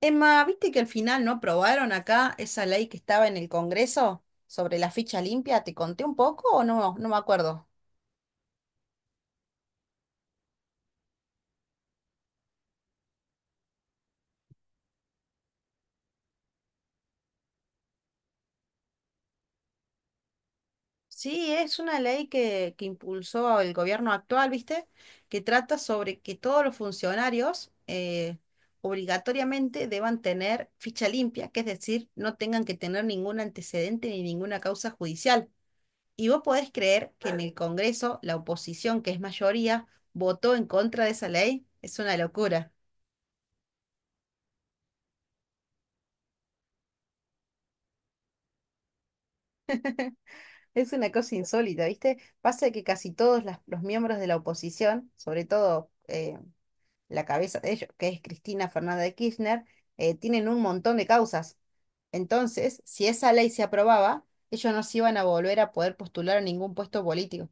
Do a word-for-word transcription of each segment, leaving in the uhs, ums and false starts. Emma, ¿viste que al final no aprobaron acá esa ley que estaba en el Congreso sobre la ficha limpia? ¿Te conté un poco o no? No me acuerdo. Sí, es una ley que, que impulsó el gobierno actual, ¿viste? Que trata sobre que todos los funcionarios eh, obligatoriamente deban tener ficha limpia, que es decir, no tengan que tener ningún antecedente ni ninguna causa judicial. Y vos podés creer que en el Congreso la oposición, que es mayoría, votó en contra de esa ley. Es una locura. Es una cosa insólita, ¿viste? Pasa que casi todos las- los miembros de la oposición, sobre todo eh, la cabeza de ellos, que es Cristina Fernández de Kirchner, eh, tienen un montón de causas. Entonces, si esa ley se aprobaba, ellos no se iban a volver a poder postular a ningún puesto político.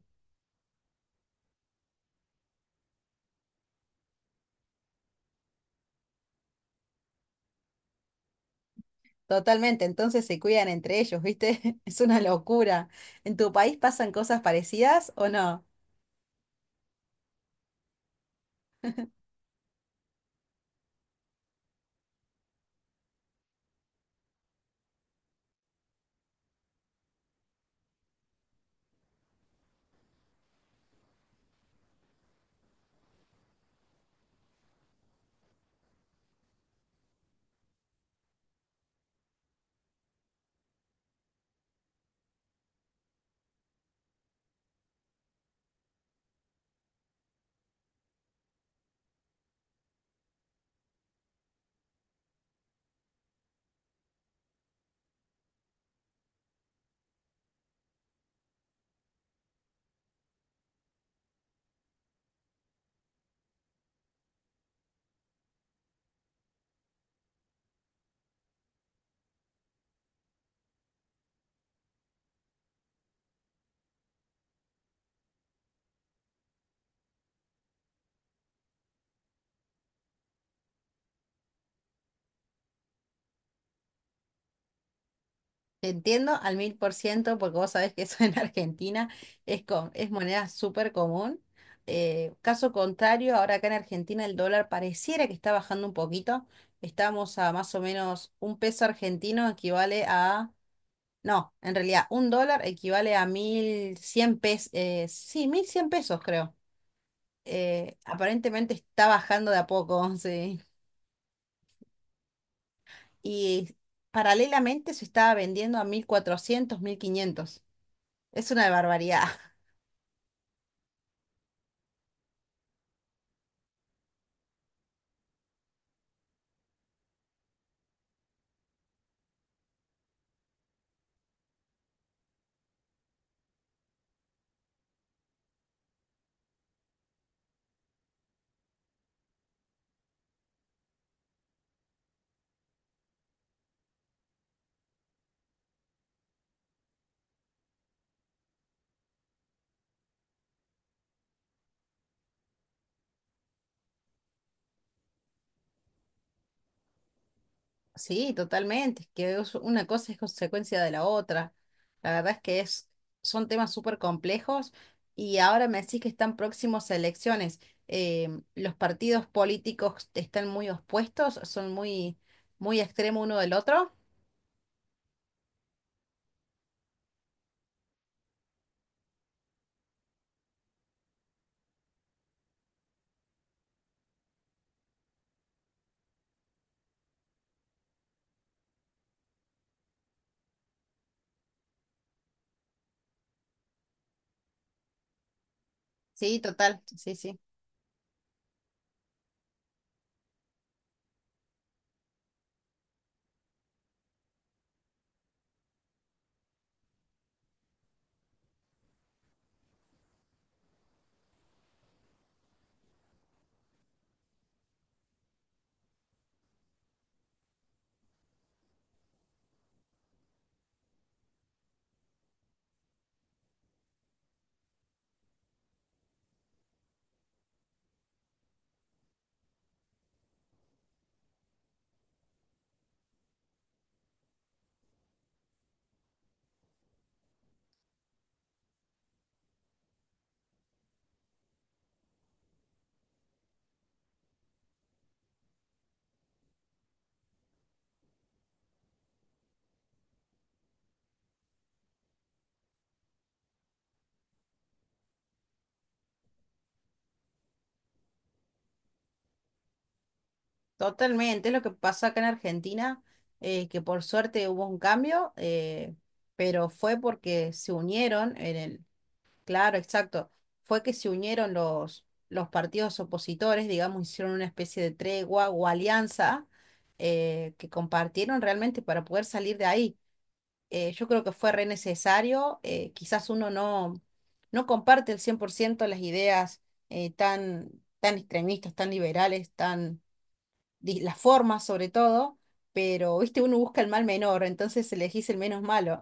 Totalmente, entonces se cuidan entre ellos, ¿viste? Es una locura. ¿En tu país pasan cosas parecidas o no? Te entiendo al mil por ciento porque vos sabés que eso en Argentina es, con, es moneda súper común. Eh, caso contrario, ahora acá en Argentina el dólar pareciera que está bajando un poquito. Estamos a más o menos un peso argentino equivale a... No, en realidad un dólar equivale a mil cien pesos. Sí, mil cien pesos creo. Eh, aparentemente está bajando de a poco, sí. Y paralelamente se estaba vendiendo a mil cuatrocientos mil quinientos. Es una barbaridad. Sí, totalmente. Es Que es- una cosa es consecuencia de la otra. La verdad es que es, son temas súper complejos y ahora me decís que están próximos a elecciones. Eh, los partidos políticos están muy opuestos, son muy, muy extremo uno del otro. Sí, total, sí, sí, totalmente. Es lo que pasó acá en Argentina, eh, que por suerte hubo un cambio, eh, pero fue porque se unieron en el. Claro, exacto. Fue que se unieron los, los partidos opositores, digamos, hicieron una especie de tregua o alianza eh, que compartieron realmente para poder salir de ahí. Eh, yo creo que fue re necesario. eh, quizás uno no, no comparte el cien por ciento las ideas eh, tan, tan extremistas, tan liberales, tan di- las formas sobre todo, pero, viste, uno busca el mal menor, entonces elegís el menos malo.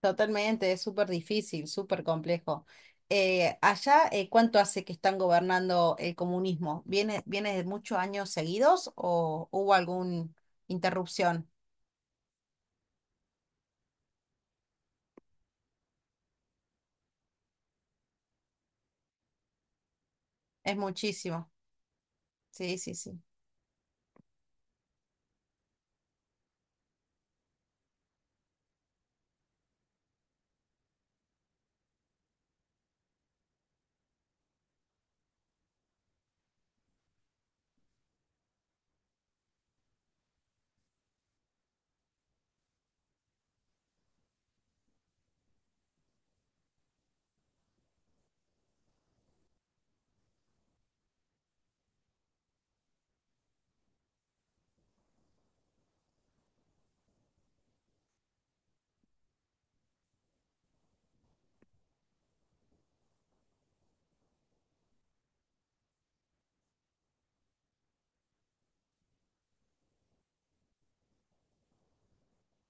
Totalmente, es súper difícil, súper complejo. Eh, allá, eh, ¿cuánto hace que están gobernando el comunismo? ¿Viene, viene de muchos años seguidos o hubo alguna interrupción? Es muchísimo. Sí, sí, sí.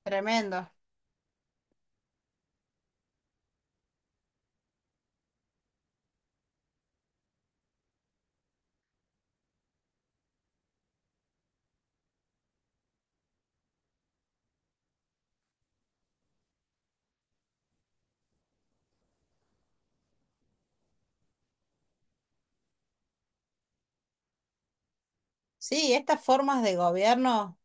Tremendo. Sí, estas formas de gobierno.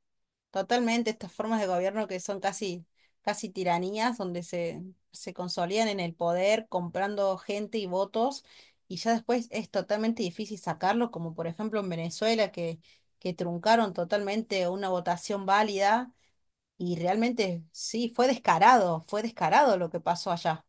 Totalmente, estas formas de gobierno que son casi, casi tiranías, donde se, se consolidan en el poder comprando gente y votos, y ya después es totalmente difícil sacarlo, como por ejemplo en Venezuela, que, que truncaron totalmente una votación válida, y realmente sí, fue descarado, fue descarado lo que pasó allá.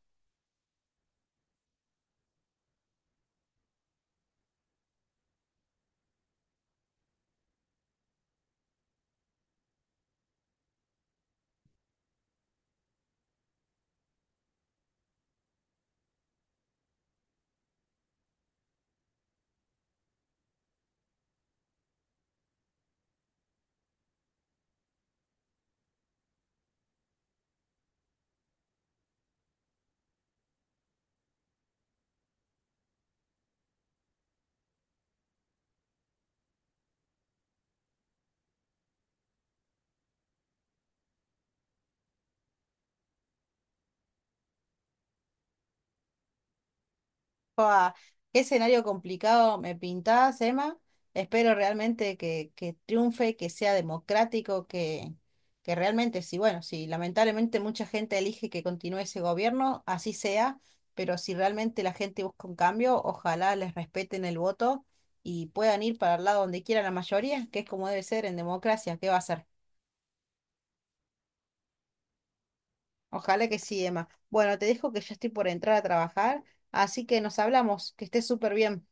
Fua, qué escenario complicado me pintás, Emma. Espero realmente que, que triunfe, que sea democrático, que, que realmente, sí, bueno, si lamentablemente mucha gente elige que continúe ese gobierno, así sea, pero si realmente la gente busca un cambio, ojalá les respeten el voto y puedan ir para el lado donde quiera la mayoría, que es como debe ser en democracia, ¿qué va a ser? Ojalá que sí, Emma. Bueno, te dejo que ya estoy por entrar a trabajar, así que nos hablamos, que estés súper bien.